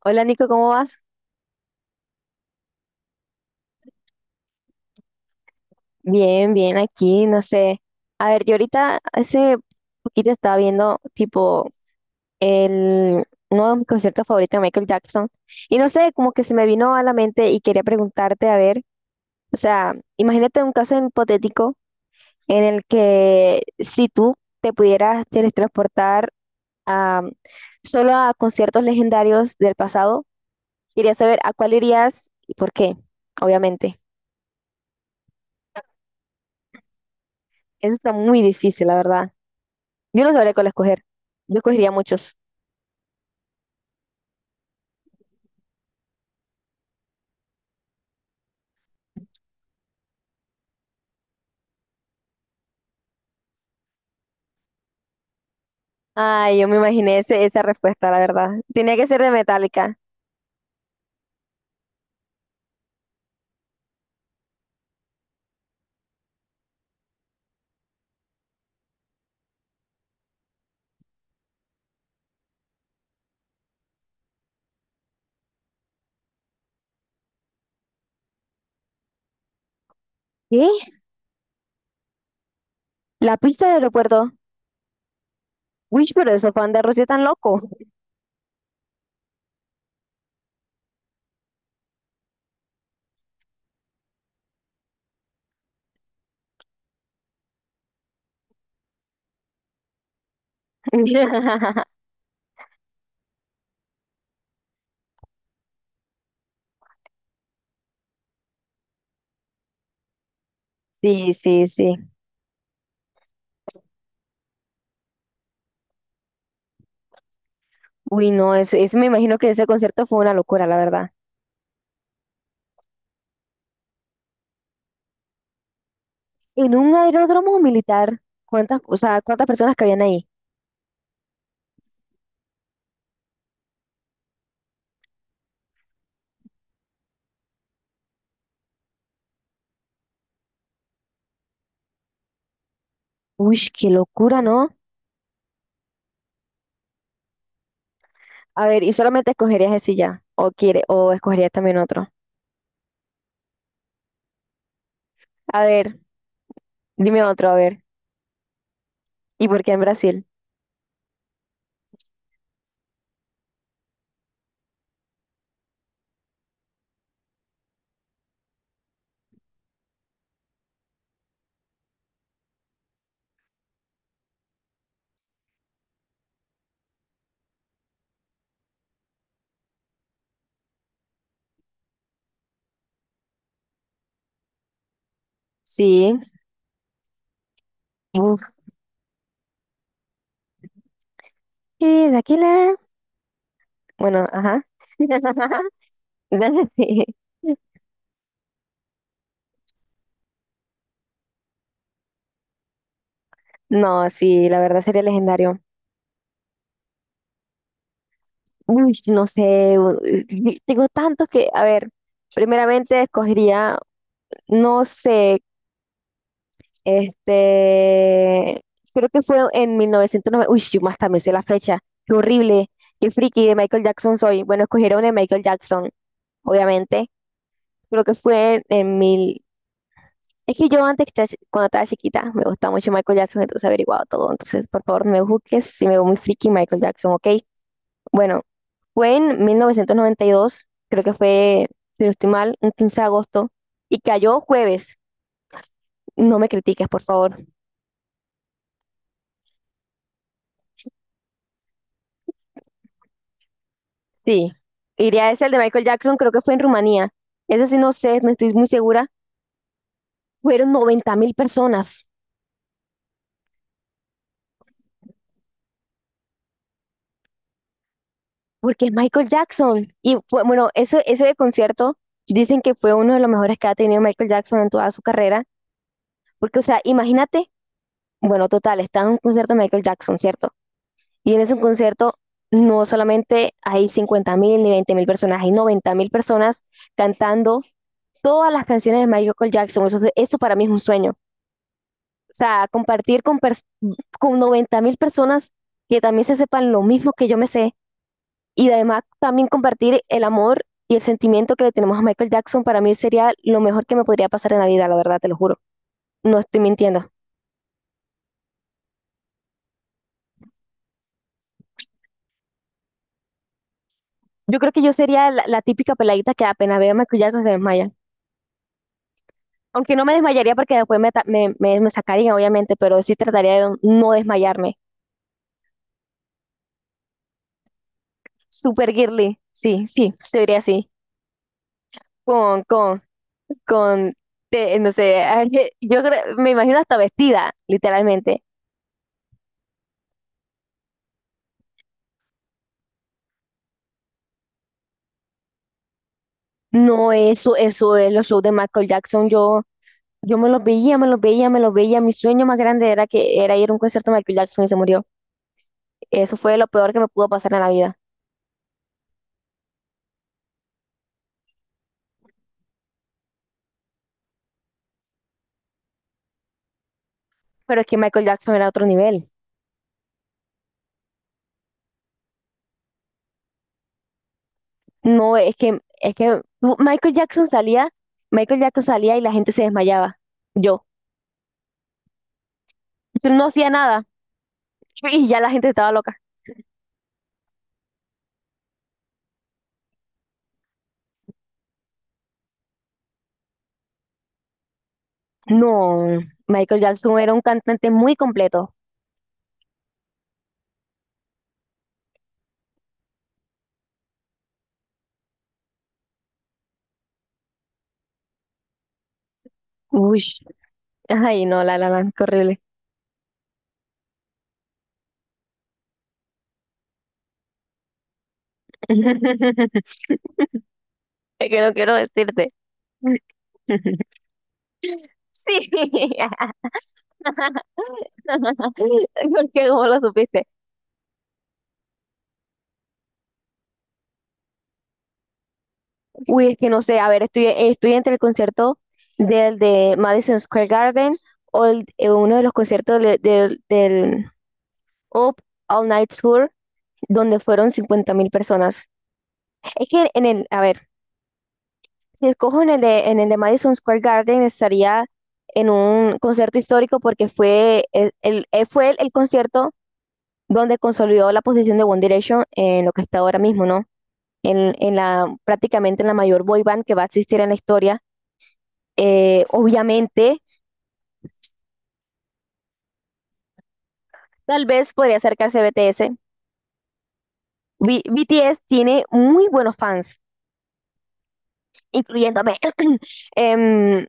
Hola Nico, ¿cómo vas? Bien, bien, aquí, no sé. A ver, yo ahorita hace poquito estaba viendo tipo el, uno de mis conciertos favoritos de Michael Jackson y no sé, como que se me vino a la mente y quería preguntarte, a ver, o sea, imagínate un caso hipotético en el que si tú te pudieras teletransportar a, solo a conciertos legendarios del pasado, quería saber a cuál irías y por qué, obviamente. Eso está muy difícil, la verdad. Yo no sabría cuál escoger. Yo escogería muchos. Ay, yo me imaginé esa respuesta, la verdad. Tenía que ser de Metallica. ¿Qué? La pista del aeropuerto. Uy, pero esos fans de Rosy tan loco. Sí, sí, sí. Uy, no, ese me imagino que ese concierto fue una locura, la verdad. En un aeródromo militar, ¿cuántas, o sea, cuántas personas cabían ahí? Uy, qué locura, ¿no? A ver, y solamente escogerías ese ya, o quiere, o escogerías también otro. A ver, dime otro, a ver. ¿Y por qué en Brasil? Sí. She's a killer. Bueno, ajá. Sí. No, sí, la verdad sería legendario. Uy, no sé, tengo tantos que, a ver, primeramente escogería, no sé, este, creo que fue en 1990, uy, yo más también sé la fecha, qué horrible, qué friki de Michael Jackson soy. Bueno, escogiera una de Michael Jackson, obviamente, creo que fue en mil. Es que yo antes, cuando estaba chiquita, me gustaba mucho Michael Jackson, entonces he averiguado todo. Entonces, por favor, no me juzgues si me veo muy friki Michael Jackson, ¿ok? Bueno, fue en 1992 creo que fue, si no estoy mal, un 15 de agosto, y cayó jueves. No me critiques, por favor. Sí, iría ese el de Michael Jackson, creo que fue en Rumanía. Eso sí, no sé, no estoy muy segura. Fueron 90.000 personas, porque es Michael Jackson. Y fue, bueno, ese concierto dicen que fue uno de los mejores que ha tenido Michael Jackson en toda su carrera. Porque, o sea, imagínate, bueno, total, está en un concierto de Michael Jackson, ¿cierto? Y en ese concierto no solamente hay 50 mil ni 20 mil personas, hay 90 mil personas cantando todas las canciones de Michael Jackson. Eso para mí es un sueño. O sea, compartir con, con 90 mil personas que también se sepan lo mismo que yo me sé y además también compartir el amor y el sentimiento que le tenemos a Michael Jackson para mí sería lo mejor que me podría pasar en la vida, la verdad, te lo juro. No estoy mintiendo. Yo creo que yo sería la, la típica peladita que apenas veo maquillaje se desmaya. Aunque no me desmayaría porque me sacarían, obviamente, pero sí trataría de no desmayarme. Super girly. Sí, sí, sería así. Con, con, con, no sé, me imagino hasta vestida, literalmente. No, eso es los shows de Michael Jackson. Yo, me los veía. Mi sueño más grande era que era ir a un concierto de Michael Jackson y se murió. Eso fue lo peor que me pudo pasar en la vida. Pero es que Michael Jackson era otro nivel. No, es que Michael Jackson salía y la gente se desmayaba. Yo. Yo no hacía nada y ya la gente estaba loca. No, Michael Jackson era un cantante muy completo. Uy, ay, no, la la la, qué horrible. Es que no quiero decirte. Sí, porque cómo lo supiste. Uy, es que no sé, a ver, estoy, estoy entre el concierto del de Madison Square Garden o uno de los conciertos de, o All Night Tour, donde fueron 50.000 personas. Es que en el, a ver, si escojo en el de Madison Square Garden, estaría en un concierto histórico porque fue fue el concierto donde consolidó la posición de One Direction en lo que está ahora mismo, ¿no? Prácticamente en la mayor boy band que va a existir en la historia. Obviamente, tal vez podría acercarse BTS. BTS tiene muy buenos fans, incluyéndome. Em,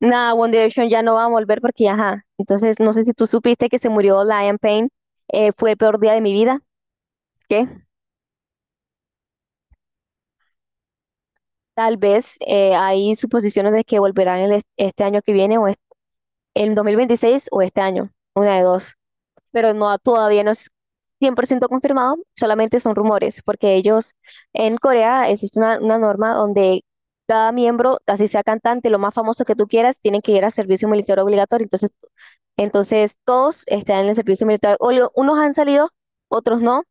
Nada, One Direction ya no va a volver porque, ajá. Entonces, no sé si tú supiste que se murió Liam Payne. Fue el peor día de mi vida. ¿Qué? Tal vez hay suposiciones de que volverán este año que viene o en 2026 o este año. Una de dos. Pero no, todavía no es 100% confirmado, solamente son rumores, porque ellos en Corea existe una norma donde cada miembro, así sea cantante, lo más famoso que tú quieras, tienen que ir a servicio militar obligatorio. Entonces todos están en el servicio militar obligatorio. Unos han salido, otros no.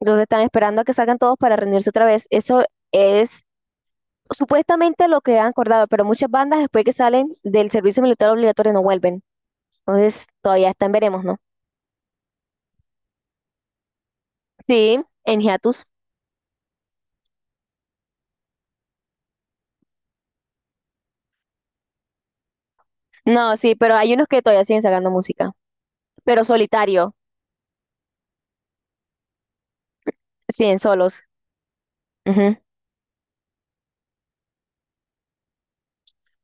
Entonces están esperando a que salgan todos para reunirse otra vez. Eso es supuestamente lo que han acordado, pero muchas bandas después que salen del servicio militar obligatorio no vuelven. Entonces todavía están, veremos, ¿no? Sí, en hiatus. No, sí, pero hay unos que todavía siguen sacando música, pero solitario, siguen solos. Ujú.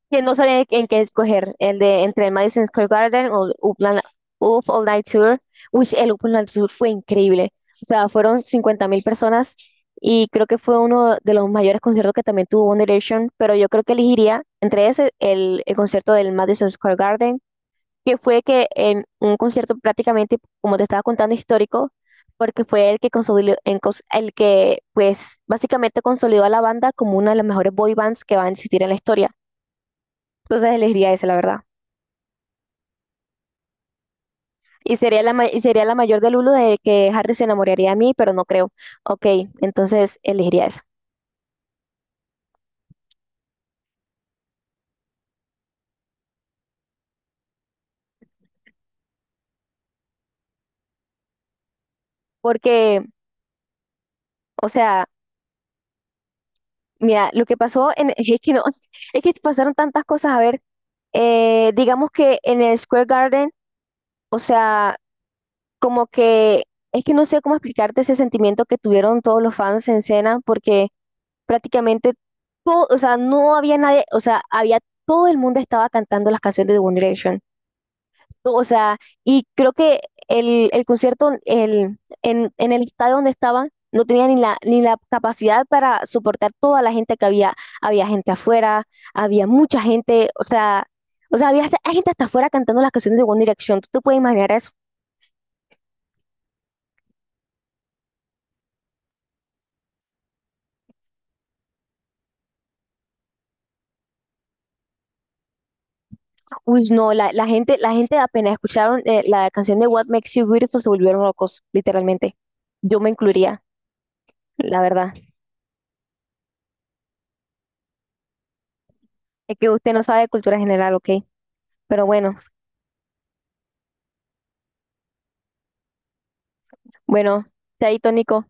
Que no saben en qué escoger, el de entre el Madison Square Garden o el Upland, Up All Night Tour. Uy, el Up All Night Tour fue increíble. O sea, fueron 50.000 personas y creo que fue uno de los mayores conciertos que también tuvo One Direction, pero yo creo que elegiría entre ese el concierto del Madison Square Garden que fue que en un concierto prácticamente, como te estaba contando, histórico, porque fue el que consolidó, el que pues básicamente consolidó a la banda como una de las mejores boy bands que va a existir en la historia. Entonces elegiría ese, la verdad. Y sería y sería la mayor del uno de que Harry se enamoraría de mí, pero no creo. Ok, entonces elegiría esa. Porque, o sea, mira, lo que pasó en, es que no, es que pasaron tantas cosas. A ver, digamos que en el Square Garden, o sea, como que es que no sé cómo explicarte ese sentimiento que tuvieron todos los fans en cena, porque prácticamente todo, o sea, no había nadie, o sea, había todo el mundo estaba cantando las canciones de One Direction. O sea, y creo que el concierto el, en el estadio donde estaban no tenía ni la, ni la capacidad para soportar toda la gente que había. Había gente afuera, había mucha gente, o sea, hay gente hasta afuera cantando las canciones de One Direction. ¿Tú te puedes imaginar eso? Uy, no, la, la gente apenas escucharon la canción de What Makes You Beautiful se volvieron locos, literalmente. Yo me incluiría, la verdad. Es que usted no sabe de cultura general, ¿ok? Pero bueno, bueno, chaito, Nico.